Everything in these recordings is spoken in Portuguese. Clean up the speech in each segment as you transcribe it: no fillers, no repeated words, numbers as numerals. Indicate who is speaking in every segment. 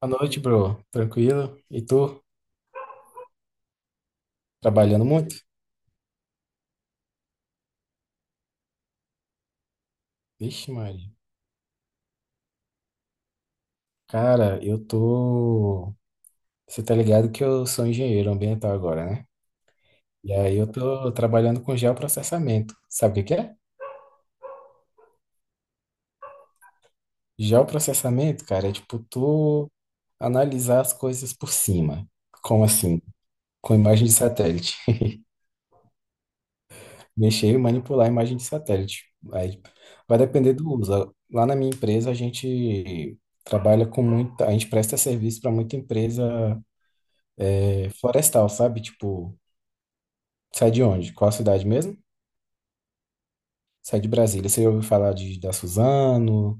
Speaker 1: Boa noite, bro. Tranquilo? E tu? Trabalhando muito? Vixe, Maria. Cara, eu tô. Você tá ligado que eu sou engenheiro ambiental agora, né? E aí eu tô trabalhando com geoprocessamento. Sabe o que que é? Geoprocessamento, cara, é tipo tu analisar as coisas por cima. Como assim? Com imagem de satélite. Mexer e manipular a imagem de satélite. Aí vai depender do uso. Lá na minha empresa, a gente trabalha com muita. A gente presta serviço para muita empresa. É florestal, sabe? Tipo, sai de onde? Qual a cidade mesmo? Sai de Brasília. Você ouviu falar da Suzano,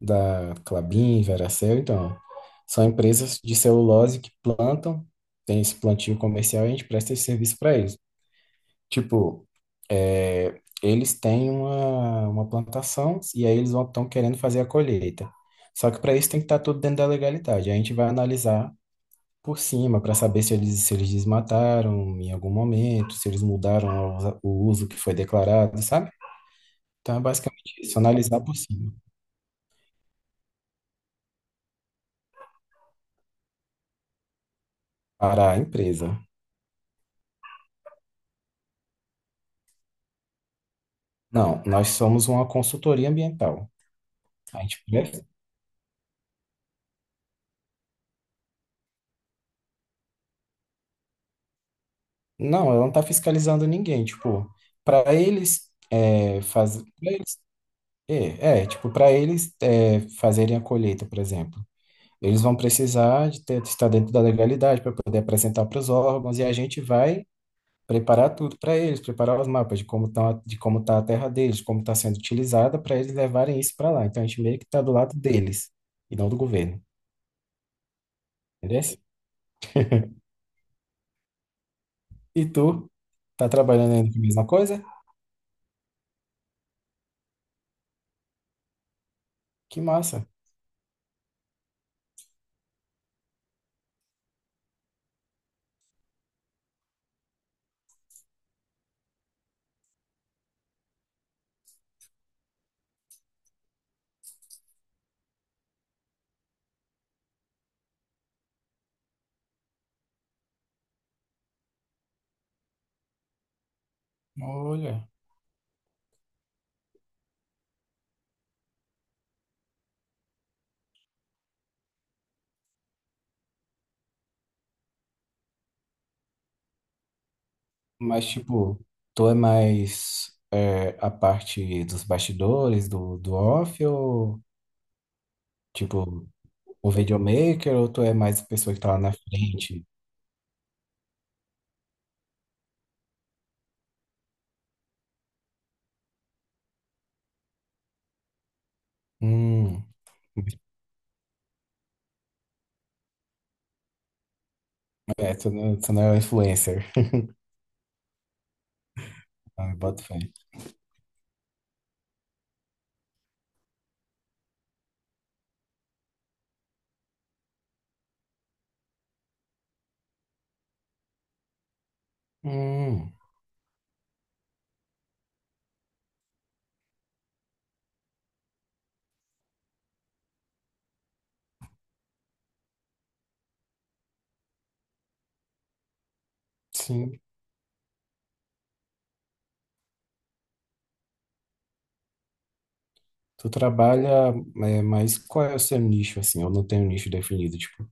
Speaker 1: da Klabin, Veracel? Então, são empresas de celulose que plantam, tem esse plantio comercial e a gente presta esse serviço para eles. Tipo, eles têm uma plantação e aí eles estão querendo fazer a colheita. Só que para isso tem que estar tudo dentro da legalidade. A gente vai analisar por cima para saber se eles, se eles desmataram em algum momento, se eles mudaram a o uso que foi declarado, sabe? Então é basicamente isso, analisar por cima para a empresa. Não, nós somos uma consultoria ambiental. A gente pref- não, ela não está fiscalizando ninguém. Tipo, para eles é, fazer, tipo, para eles é, fazerem a colheita, por exemplo. Eles vão precisar de ter, estar dentro da legalidade para poder apresentar para os órgãos e a gente vai preparar tudo para eles, preparar os mapas de como tá a terra deles, como está sendo utilizada, para eles levarem isso para lá. Então a gente meio que está do lado deles e não do governo, entendeu? E tu tá trabalhando ainda com a mesma coisa? Que massa! Olha, mas tipo, tu é mais a parte dos bastidores, do, off, ou tipo, o videomaker, ou tu é mais a pessoa que tá lá na frente? Hum, é, tu não é o influencer. Ah, bota fé. Hum. Sim. Tu trabalha, é, mas qual é o seu nicho, assim? Eu não tenho um nicho definido. Tipo,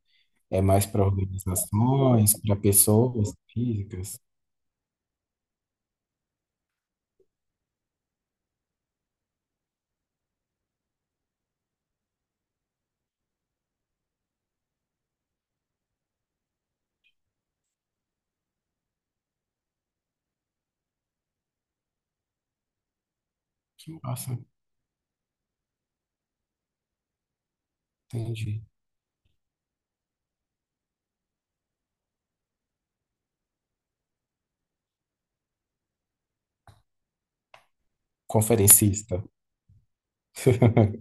Speaker 1: é mais para organizações, para pessoas físicas? Nossa, entendi. Conferencista.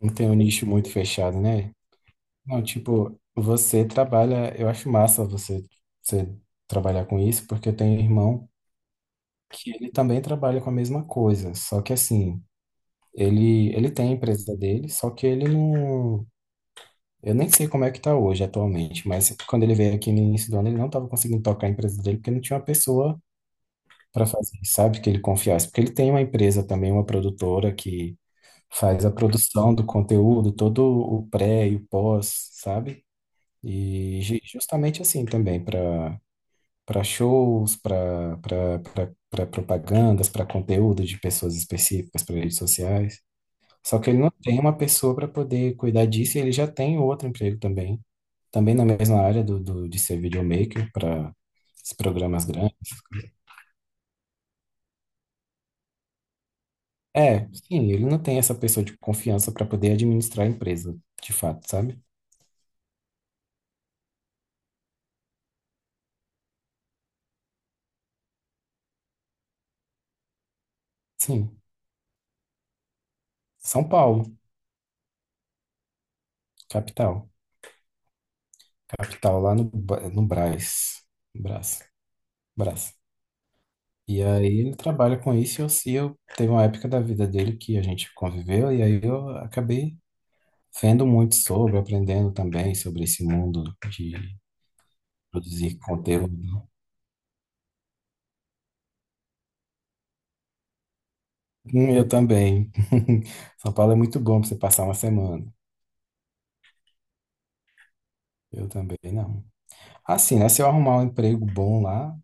Speaker 1: Não tem um nicho muito fechado, né? Não, tipo, você trabalha, eu acho massa você, você trabalhar com isso, porque eu tenho um irmão que ele também trabalha com a mesma coisa. Só que assim, ele tem a empresa dele, só que ele não. Eu nem sei como é que tá hoje atualmente, mas quando ele veio aqui no início do ano, ele não estava conseguindo tocar a empresa dele porque não tinha uma pessoa para fazer, sabe, que ele confiasse. Porque ele tem uma empresa também, uma produtora que faz a produção do conteúdo, todo o pré e o pós, sabe? E justamente assim também, para shows, para propagandas, para conteúdo de pessoas específicas, para redes sociais. Só que ele não tem uma pessoa para poder cuidar disso e ele já tem outro emprego também, também na mesma área de ser videomaker para esses programas grandes. É, sim, ele não tem essa pessoa de confiança para poder administrar a empresa, de fato, sabe? Sim, São Paulo, capital. Capital lá no, no Brás. Brás, Brás. E aí ele trabalha com isso e eu, se eu teve uma época da vida dele que a gente conviveu e aí eu acabei vendo muito sobre, aprendendo também sobre esse mundo de produzir conteúdo. Eu também. São Paulo é muito bom para você passar uma semana. Eu também não. Assim, né? Se eu arrumar um emprego bom lá,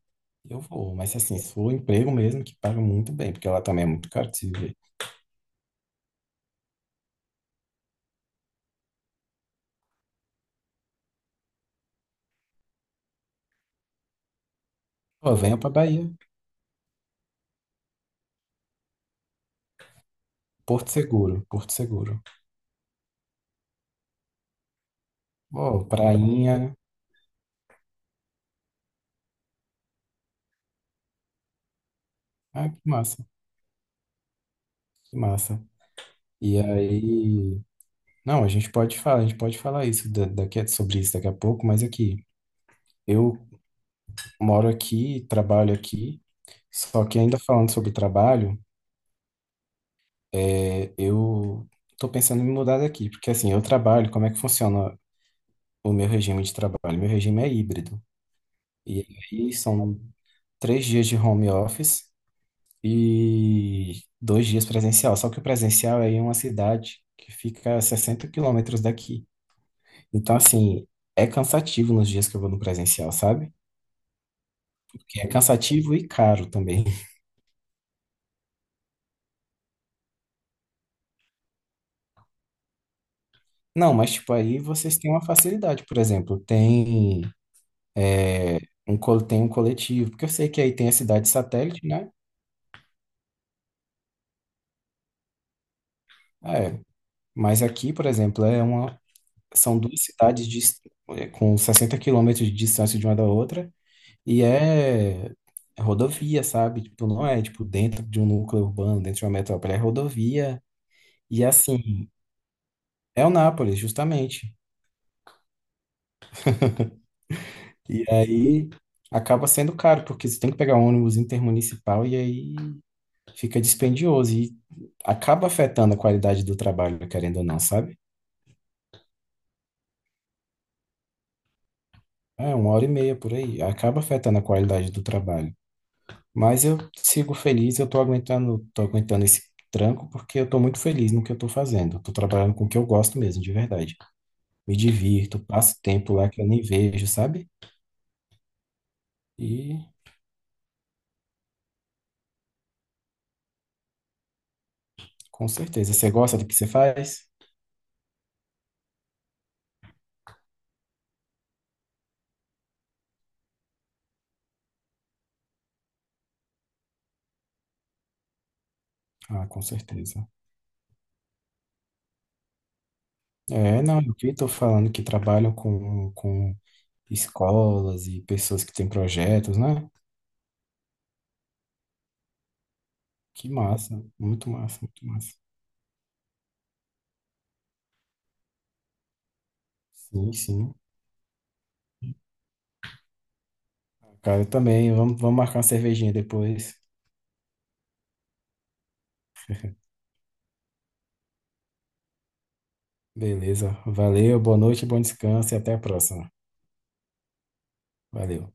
Speaker 1: eu vou. Mas assim, se for um emprego mesmo que paga muito bem, porque lá também é muito caro de se viver. Pô, venha pra Bahia. Porto Seguro, Porto Seguro. Pô, prainha. Ah, que massa, que massa. E aí. Não, a gente pode falar, a gente pode falar isso daqui, sobre isso daqui a pouco, mas aqui. Eu moro aqui, trabalho aqui. Só que ainda falando sobre trabalho. É, eu tô pensando em me mudar daqui, porque assim, eu trabalho, como é que funciona o meu regime de trabalho? Meu regime é híbrido. E aí são três dias de home office e dois dias presencial. Só que o presencial é em uma cidade que fica a 60 quilômetros daqui. Então, assim, é cansativo nos dias que eu vou no presencial, sabe? Porque é cansativo e caro também. Não, mas tipo, aí vocês têm uma facilidade, por exemplo, tem. É, um, tem um coletivo, porque eu sei que aí tem a cidade satélite, né? É, mas aqui, por exemplo, é uma, são duas cidades é, com 60 quilômetros de distância de uma da outra, e é rodovia, sabe? Tipo, não é tipo dentro de um núcleo urbano, dentro de uma metrópole, é rodovia, e assim, é o Nápoles, justamente. E aí acaba sendo caro, porque você tem que pegar um ônibus intermunicipal, e aí fica dispendioso e acaba afetando a qualidade do trabalho, querendo ou não, sabe? É uma hora e meia por aí, acaba afetando a qualidade do trabalho. Mas eu sigo feliz, eu tô aguentando esse tranco porque eu tô muito feliz no que eu tô fazendo. Eu tô trabalhando com o que eu gosto mesmo, de verdade. Me divirto, passo tempo lá que eu nem vejo, sabe? E com certeza, você gosta do que você faz? Ah, com certeza. É, não, eu que tô falando que trabalham com escolas e pessoas que têm projetos, né? Que massa, muito massa, muito massa. Sim, sim. Cara, eu também. Vamos, vamos marcar uma cervejinha depois. Beleza. Valeu, boa noite, bom descanso e até a próxima. Valeu.